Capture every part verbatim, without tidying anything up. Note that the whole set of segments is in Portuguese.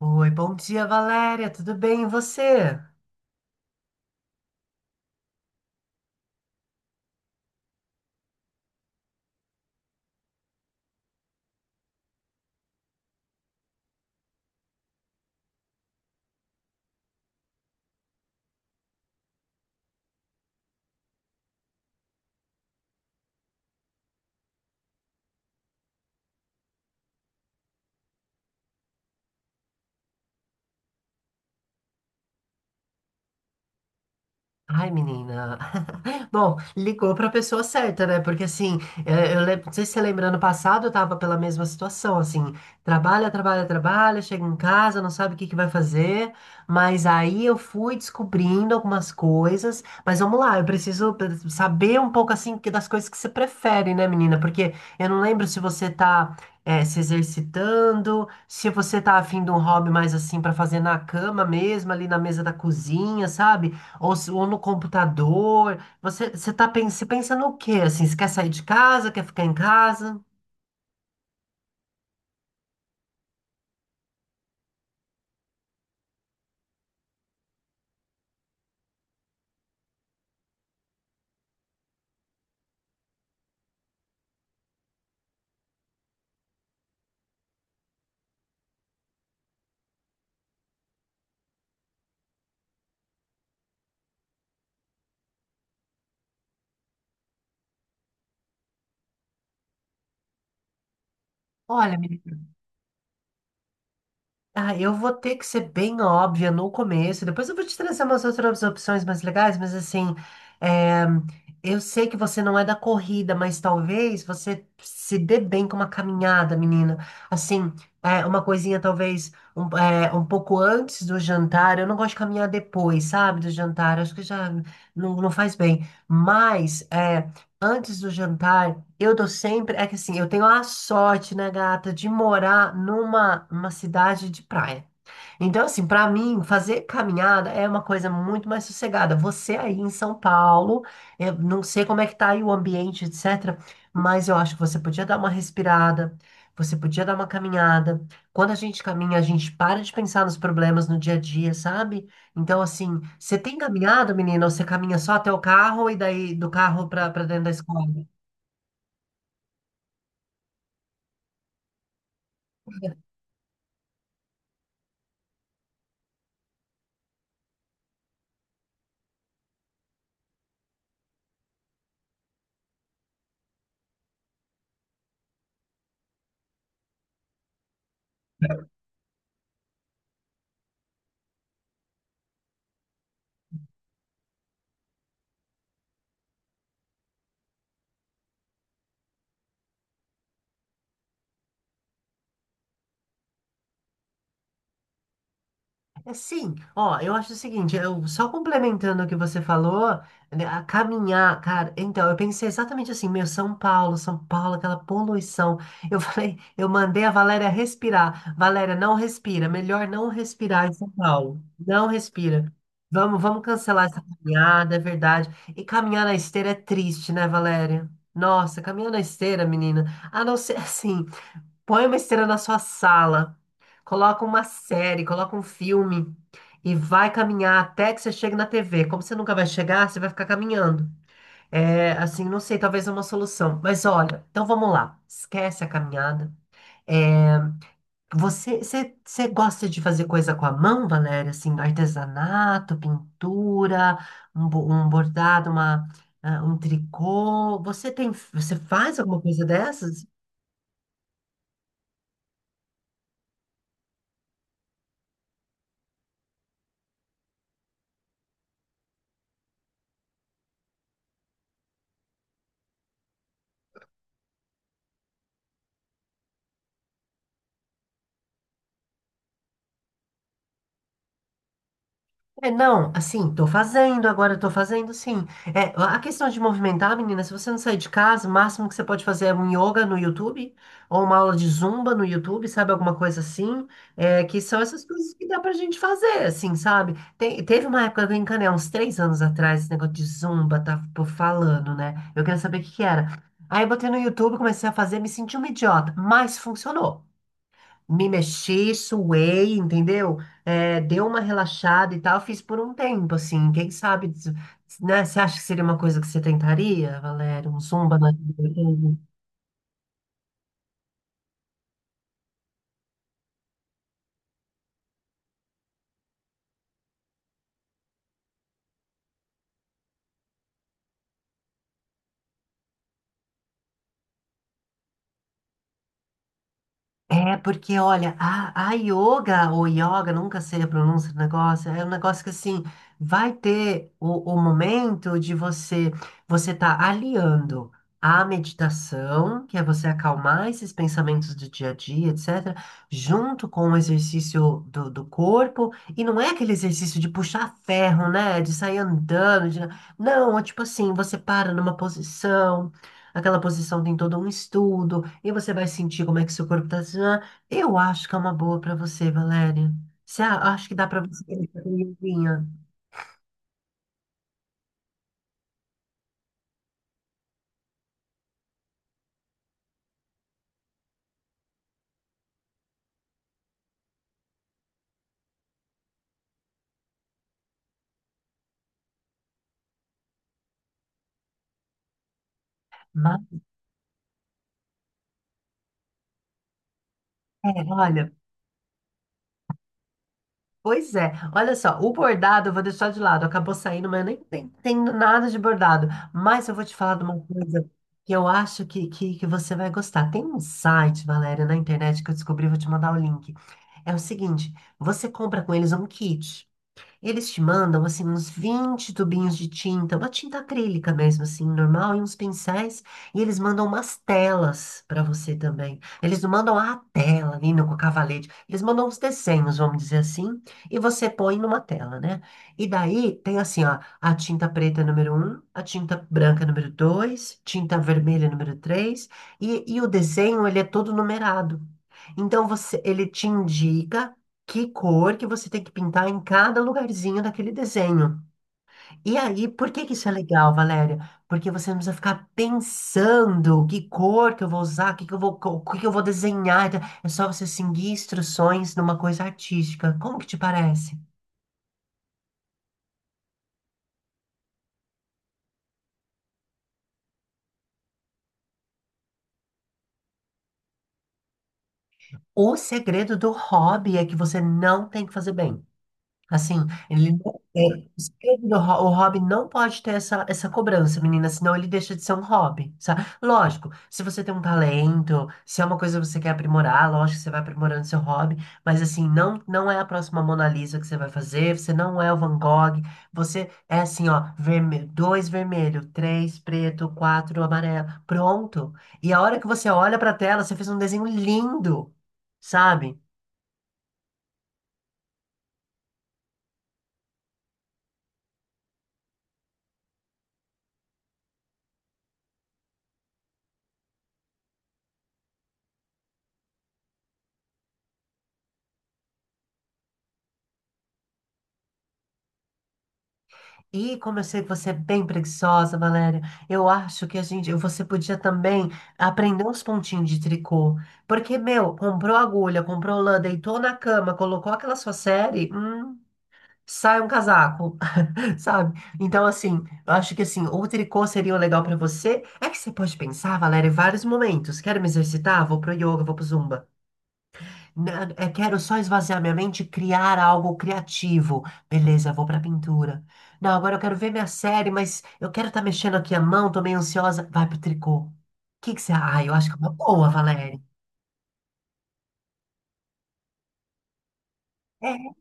Oi, bom dia, Valéria. Tudo bem? E você? Ai, menina. Bom, ligou para a pessoa certa, né? Porque assim, é, eu lembro, não sei se você lembra, ano passado eu tava pela mesma situação, assim, trabalha, trabalha, trabalha, chega em casa, não sabe o que que vai fazer, mas aí eu fui descobrindo algumas coisas, mas vamos lá, eu preciso eh, saber um pouco assim que- das coisas que você prefere, né, menina? Porque eu não lembro se você tá é, se exercitando, se você tá afim de um hobby mais assim para fazer na cama mesmo, ali na mesa da cozinha, sabe? Ou, se- ou no computador. Você, você tá, pen- você pensa no quê? Assim, você quer sair de casa? Quer ficar em casa? Olha, ah, eu vou ter que ser bem óbvia no começo, depois eu vou te trazer umas outras opções mais legais, mas assim, é, eu sei que você não é da corrida, mas talvez você se dê bem com uma caminhada, menina. Assim, é, uma coisinha talvez um, é, um pouco antes do jantar, eu não gosto de caminhar depois, sabe, do jantar, acho que já não, não faz bem, mas é, antes do jantar. Eu tô sempre. É que assim, eu tenho a sorte, né, gata, de morar numa uma cidade de praia. Então, assim, pra mim, fazer caminhada é uma coisa muito mais sossegada. Você aí em São Paulo, eu não sei como é que tá aí o ambiente, et cetera. Mas eu acho que você podia dar uma respirada, você podia dar uma caminhada. Quando a gente caminha, a gente para de pensar nos problemas no dia a dia, sabe? Então, assim, você tem caminhado, menina, ou você caminha só até o carro e daí do carro pra, pra dentro da escola? É, sim, ó, eu acho o seguinte, eu só complementando o que você falou, né, a caminhar, cara, então, eu pensei exatamente assim, meu, São Paulo, São Paulo, aquela poluição, eu falei, eu mandei a Valéria respirar, Valéria, não respira, melhor não respirar em São Paulo, não respira, vamos, vamos cancelar essa caminhada, é verdade, e caminhar na esteira é triste, né, Valéria? Nossa, caminhar na esteira, menina, a não ser assim, põe uma esteira na sua sala, coloca uma série, coloca um filme e vai caminhar até que você chegue na T V. Como você nunca vai chegar, você vai ficar caminhando. É, assim, não sei, talvez é uma solução. Mas olha, então vamos lá. Esquece a caminhada. É, você, você, você gosta de fazer coisa com a mão, Valéria? Assim, artesanato, pintura, um, bo- um bordado, uma, ah, um tricô. Você tem, você faz alguma coisa dessas? É, não, assim, tô fazendo agora, tô fazendo sim. É, a questão de movimentar, menina, se você não sair de casa, o máximo que você pode fazer é um yoga no YouTube, ou uma aula de zumba no YouTube, sabe? Alguma coisa assim. É, que são essas coisas que dá pra gente fazer, assim, sabe? Tem- teve uma época, eu encanei, uns três anos atrás, esse negócio de zumba, tá pô, falando, né? Eu queria saber o que que era. Aí eu botei no YouTube, comecei a fazer, me senti uma idiota, mas funcionou, me mexi, suei, entendeu? É, deu uma relaxada e tal, fiz por um tempo, assim, quem sabe, né? Você acha que seria uma coisa que você tentaria, Valério? Um zumba na... É, porque olha, a, a yoga ou yoga, nunca sei a pronúncia do negócio, é um negócio que assim, vai ter o, o momento de você, você tá aliando a meditação, que é você acalmar esses pensamentos do dia a dia, et cetera, junto com o exercício do, do corpo, e não é aquele exercício de puxar ferro, né, de sair andando, de- não, é tipo assim, você para numa posição, aquela posição tem todo um estudo, e você vai sentir como é que seu corpo está. Eu acho que é uma boa para você, Valéria. Você a- acho que dá para você fazer com yoguinha. Mas, é, olha, pois é. Olha só, o bordado eu vou deixar de lado. Acabou saindo, mas eu nem nem entendo nada de bordado. Mas eu vou te falar de uma coisa que eu acho que, que, que você vai gostar. Tem um site, Valéria, na internet que eu descobri, vou te mandar o link. É o seguinte, você compra com eles um kit. Eles te mandam, assim, uns vinte tubinhos de tinta, uma tinta acrílica mesmo, assim, normal, e uns pincéis, e eles mandam umas telas para você também. Eles não mandam a tela, linda, com o cavalete, eles mandam uns desenhos, vamos dizer assim, e você põe numa tela, né? E daí tem assim, ó, a tinta preta número um, a tinta branca número dois, tinta vermelha número três. e, e o desenho, ele é todo numerado. Então, você, ele te indica que cor que você tem que pintar em cada lugarzinho daquele desenho. E aí, por que que isso é legal, Valéria? Porque você não precisa ficar pensando que cor que eu vou usar, que que eu vou, co- o que que eu vou desenhar. Então, é só você seguir instruções numa coisa artística. Como que te parece? O segredo do hobby é que você não tem que fazer bem. Assim, ele não- é, os ho- o hobby não pode ter essa, essa cobrança, menina, senão ele deixa de ser um hobby, sabe? Lógico, se você tem um talento, se é uma coisa que você quer aprimorar, lógico que você vai aprimorando seu hobby, mas assim, não, não é a próxima Mona Lisa que você vai fazer, você não é o Van Gogh, você é assim, ó, vermelho, dois vermelho, três preto, quatro amarelo, pronto. E a hora que você olha pra tela, você fez um desenho lindo, sabe? E como eu sei que você é bem preguiçosa, Valéria. Eu acho que a gente, você podia também aprender uns pontinhos de tricô. Porque, meu, comprou agulha, comprou lã, deitou na cama, colocou aquela sua série, hum, sai um casaco, sabe? Então, assim, eu acho que assim, o tricô seria o legal pra você. É que você pode pensar, Valéria, em vários momentos. Quero me exercitar? Vou pro yoga, vou pro zumba. Né, eu quero só esvaziar minha mente e criar algo criativo. Beleza, vou pra pintura. Não, agora eu quero ver minha série, mas eu quero estar mexendo aqui a mão, tô meio ansiosa. Vai pro tricô. O que que você... Ah, eu acho que é uma boa, Valéria. É,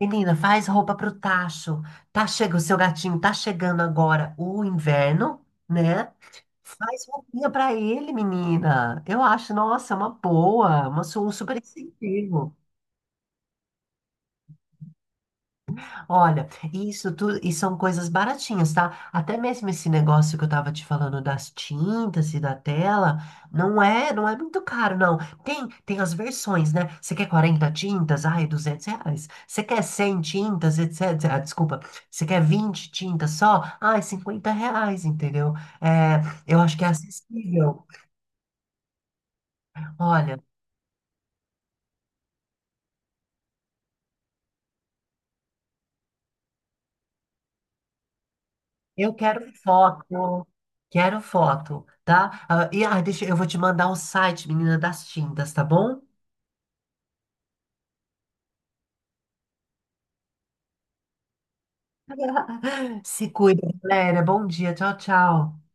menina, faz roupa pro tacho. Tá chega o seu gatinho, tá chegando agora o inverno, né? Faz roupinha pra ele, menina. Eu acho, nossa, é uma boa, uma, su- um super incentivo. Olha, isso tudo, e são coisas baratinhas, tá? Até mesmo esse negócio que eu tava te falando das tintas e da tela, não é, não é muito caro, não. Tem, tem as versões, né? Você quer quarenta tintas? Ai, duzentos reais. Você quer cem tintas, et cetera. Ah, desculpa. Você quer vinte tintas só? Ai, cinquenta reais, entendeu? É, eu acho que é acessível. Olha, eu quero foto. Quero foto, tá? Ah, e ah, deixa, eu vou te mandar o site, menina das tintas, tá bom? Se cuida, galera. Bom dia. Tchau, tchau.